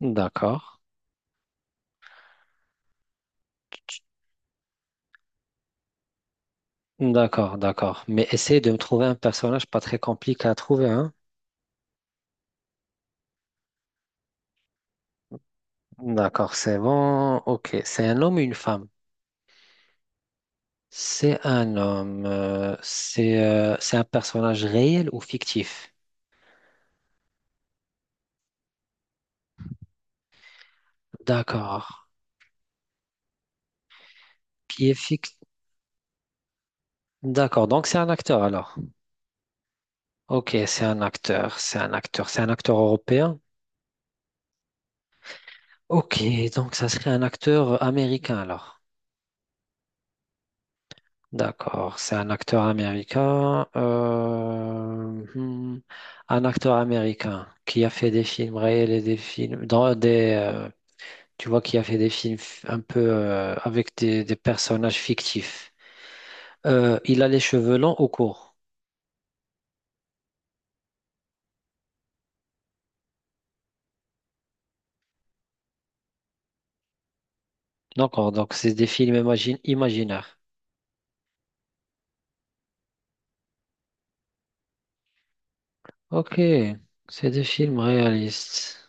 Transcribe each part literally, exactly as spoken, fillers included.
D'accord. D'accord, d'accord. Mais essaye de me trouver un personnage pas très compliqué à trouver, hein? D'accord, c'est bon. Ok, c'est un homme ou une femme? C'est un homme. Euh, c'est euh, c'est un personnage réel ou fictif? D'accord. Qui est fictif? D'accord, donc c'est un acteur alors. Ok, c'est un acteur, c'est un acteur, c'est un acteur européen. Ok, donc ça serait un acteur américain alors. D'accord, c'est un acteur américain. Euh, hmm, un acteur américain qui a fait des films réels et des films dans des, euh, tu vois, qui a fait des films f- un peu euh, avec des, des personnages fictifs. Euh, il a les cheveux longs ou courts. D'accord, donc c'est des films imagine, imaginaires. Ok, c'est des films réalistes.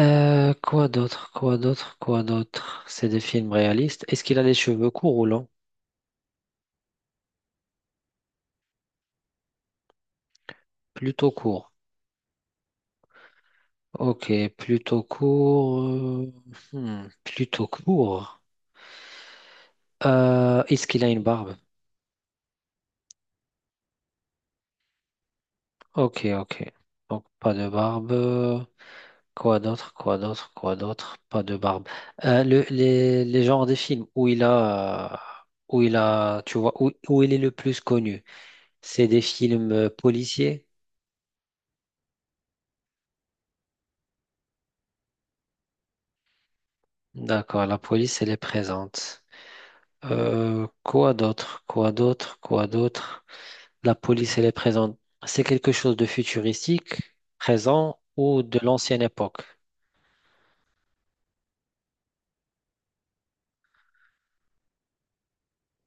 Euh, quoi d'autre, quoi d'autre, quoi d'autre? C'est des films réalistes. Est-ce qu'il a les cheveux courts ou longs? Plutôt courts. Ok, plutôt court. Euh, hmm, plutôt court. Euh, est-ce qu'il a une barbe? Ok, ok. Donc pas de barbe. Quoi d'autre? Quoi d'autre? Quoi d'autre? Pas de barbe. Euh, le, les, les genres des films où il a, euh, où il a, tu vois, où, où il est le plus connu, c'est des films euh, policiers. D'accord, la police, elle est présente. Euh, quoi d'autre? Quoi d'autre? Quoi d'autre? La police, elle est présente. C'est quelque chose de futuristique, présent ou de l'ancienne époque.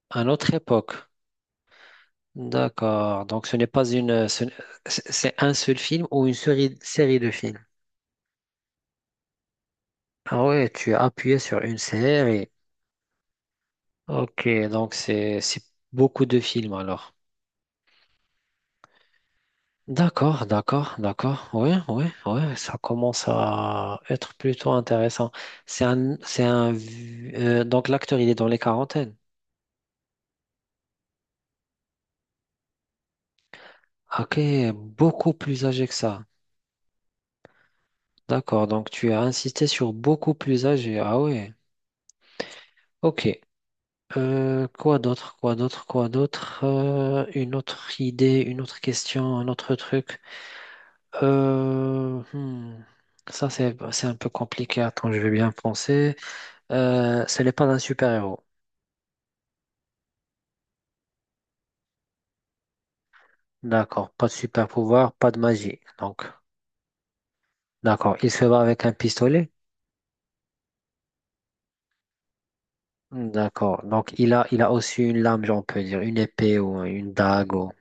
À notre époque. D'accord. Donc ce n'est pas une... ce n- C'est c'est un seul film ou une série, série de films. Ah ouais, tu as appuyé sur une série. Ok, donc c'est c'est beaucoup de films alors. D'accord, d'accord, d'accord. Ouais, ouais, ouais, ça commence à être plutôt intéressant. C'est un, c'est un, vu- euh, donc l'acteur il est dans les quarantaines. Ok, beaucoup plus âgé que ça. D'accord, donc tu as insisté sur beaucoup plus âgé. Ah ouais, ok. Euh, quoi d'autre, quoi d'autre, quoi d'autre? Euh, une autre idée, une autre question, un autre truc. Euh, hmm, Ça, c'est, c'est un peu compliqué. Attends, je vais bien penser. Euh, ce n'est pas un super-héros. D'accord, pas de super-pouvoir, pas de magie. Donc, d'accord, il se bat avec un pistolet. D'accord, donc il a, il a aussi une lame, on peut dire, une épée ou une dague. ou-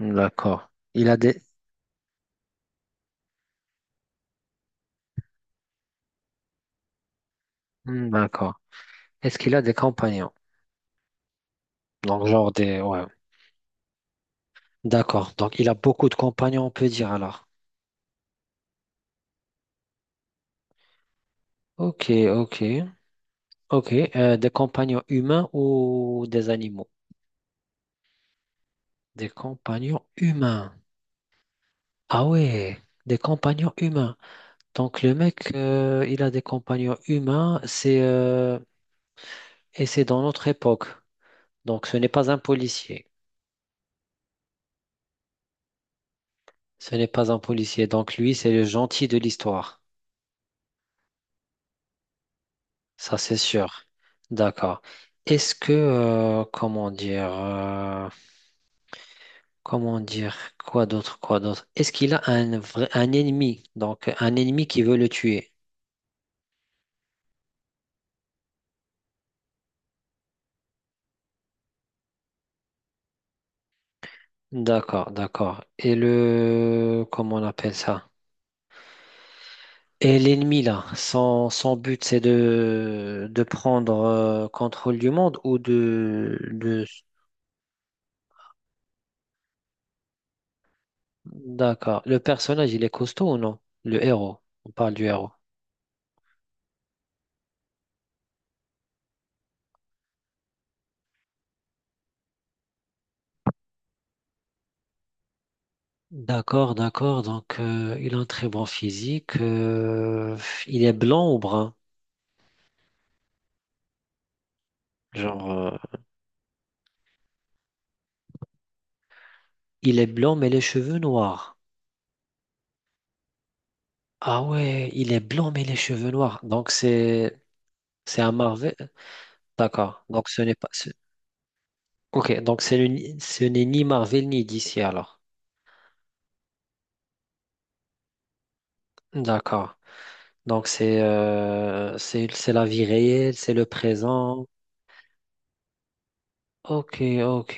D'accord. Il a des... Hmm, d'accord. Est-ce qu'il a des compagnons? Donc, genre des... Ouais. D'accord. Donc, il a beaucoup de compagnons, on peut dire alors. Ok, ok. Ok. Euh, des compagnons humains ou des animaux? Des compagnons humains. Ah ouais. Des compagnons humains. Donc, le mec, euh, il a des compagnons humains. C'est... euh, Et c'est dans notre époque. Donc, ce n'est pas un policier. Ce n'est pas un policier. Donc, lui, c'est le gentil de l'histoire. Ça, c'est sûr. D'accord. Est-ce que, euh, comment dire, euh, comment dire, Quoi d'autre, quoi d'autre? Est-ce qu'il a un vrai, un ennemi, donc un ennemi qui veut le tuer? D'accord, d'accord. Et le, comment on appelle ça? Et l'ennemi là, son, son but c'est de, de prendre euh, contrôle du monde ou de, de... D'accord. Le personnage, il est costaud ou non? Le héros. On parle du héros. D'accord, d'accord. Donc, euh, il a un très bon physique. Euh, il est blanc ou brun? Genre, euh, il est blanc mais les cheveux noirs. Ah ouais, il est blanc mais les cheveux noirs. Donc, c'est c'est un Marvel. D'accord. Donc, ce n'est pas. ce- Ok, donc c'est le ni- ce n'est ni Marvel ni D C alors. D'accord. Donc, c'est euh, c'est c'est la vie réelle, c'est le présent. Ok, ok.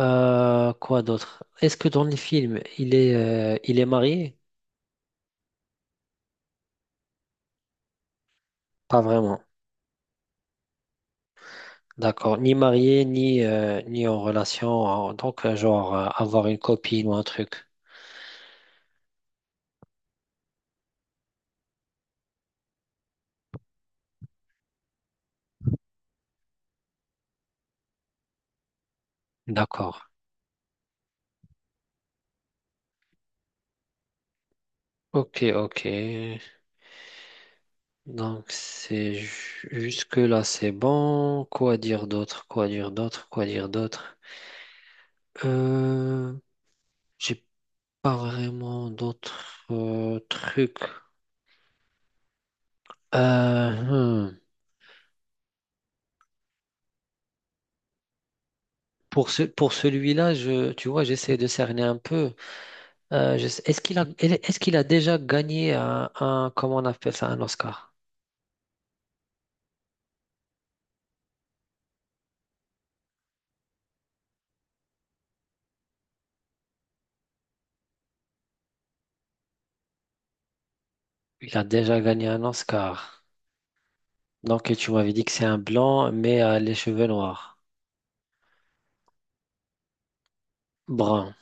Euh, quoi d'autre? Est-ce que dans les films, il est euh, il est marié? Pas vraiment. D'accord. Ni marié, ni, euh, ni en relation. euh, Donc, euh, genre, euh, avoir une copine ou un truc. D'accord. Ok, ok. Donc, c'est ju- jusque-là, c'est bon. Quoi dire d'autre? Quoi dire d'autre? Quoi dire d'autre? Euh, j'ai pas vraiment d'autres euh, trucs. Euh, hmm. Pour ce, pour celui-là, je, tu vois, j'essaie de cerner un peu. Euh, je sais- Est-ce qu'il a, est-ce qu'il a déjà gagné un, un- comment on appelle ça, un Oscar? Il a déjà gagné un Oscar. Donc, et tu m'avais dit que c'est un blanc, mais euh, les cheveux noirs. Brun.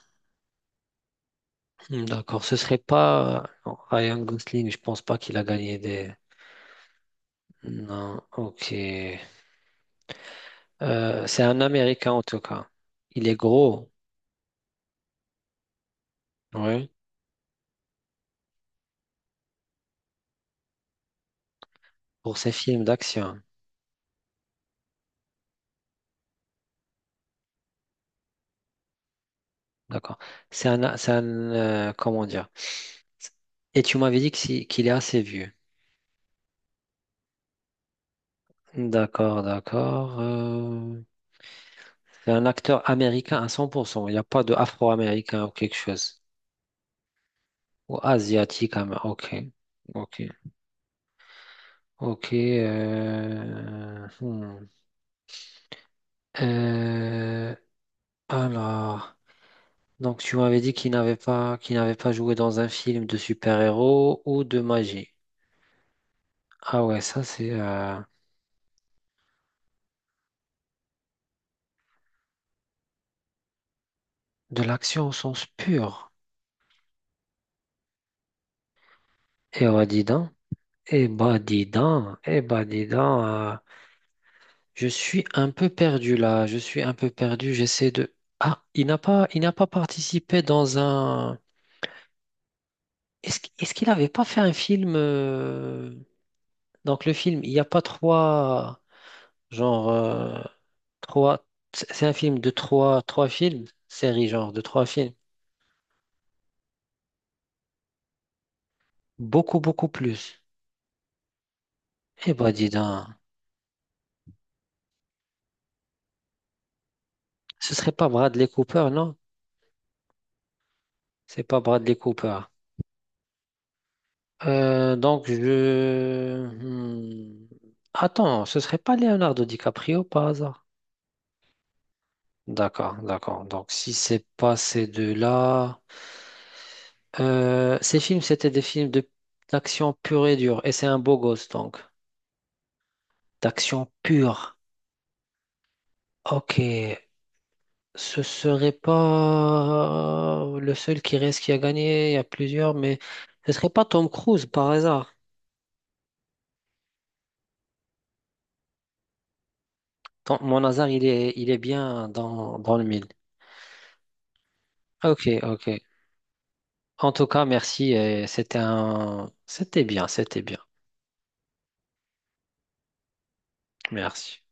Hmm, d'accord. Ce serait pas euh, Ryan Gosling. Je pense pas qu'il a gagné des. Non. Ok. Euh, c'est un Américain en tout cas. Il est gros. Oui. Pour ses films d'action. D'accord. C'est un, c'est un, euh, comment dire? Et tu m'avais dit que si- qu'il est assez vieux. D'accord, d'accord. Euh, c'est un acteur américain à cent pour cent. Il n'y a pas de afro-américain ou quelque chose. Ou asiatique. am- Ok. Ok. Ok. euh, hmm. Euh, alors, donc tu m'avais dit qu'il n'avait pas, qu'il n'avait pas joué dans un film de super-héros ou de magie. Ah ouais, ça c'est euh, de l'action au sens pur. Eh bah dis donc. Eh bah dis donc. Eh bah dis donc. euh, Je suis un peu perdu là, je suis un peu perdu, j'essaie de... Ah, il n'a pas, il n'a pas participé dans un... Est-ce, qu- est-ce qu'il n'avait pas fait un film euh, Donc le film, il n'y a pas trois... Genre... euh, trois... C'est c'est un film de trois, trois films, série genre de trois films. Beaucoup, beaucoup plus. Eh ben dis donc, ce serait pas Bradley Cooper, non? C'est pas Bradley Cooper. Euh, donc, je... hmm. Attends, ce serait pas Leonardo DiCaprio par hasard? D'accord, d'accord. Donc, si c'est pas ces deux-là... Euh, ces films, c'était des films de d'action pure et dure. Et c'est un beau gosse, donc. D'action pure. Ok. Ce serait pas euh, le seul qui reste qui a gagné. Il y a plusieurs, mais ce serait pas Tom Cruise par hasard. Tom- mon hasard, il est, il est bien dans, dans le mille. Ok, ok. En tout cas, merci. Et c'était un... C'était bien, c'était bien. Merci.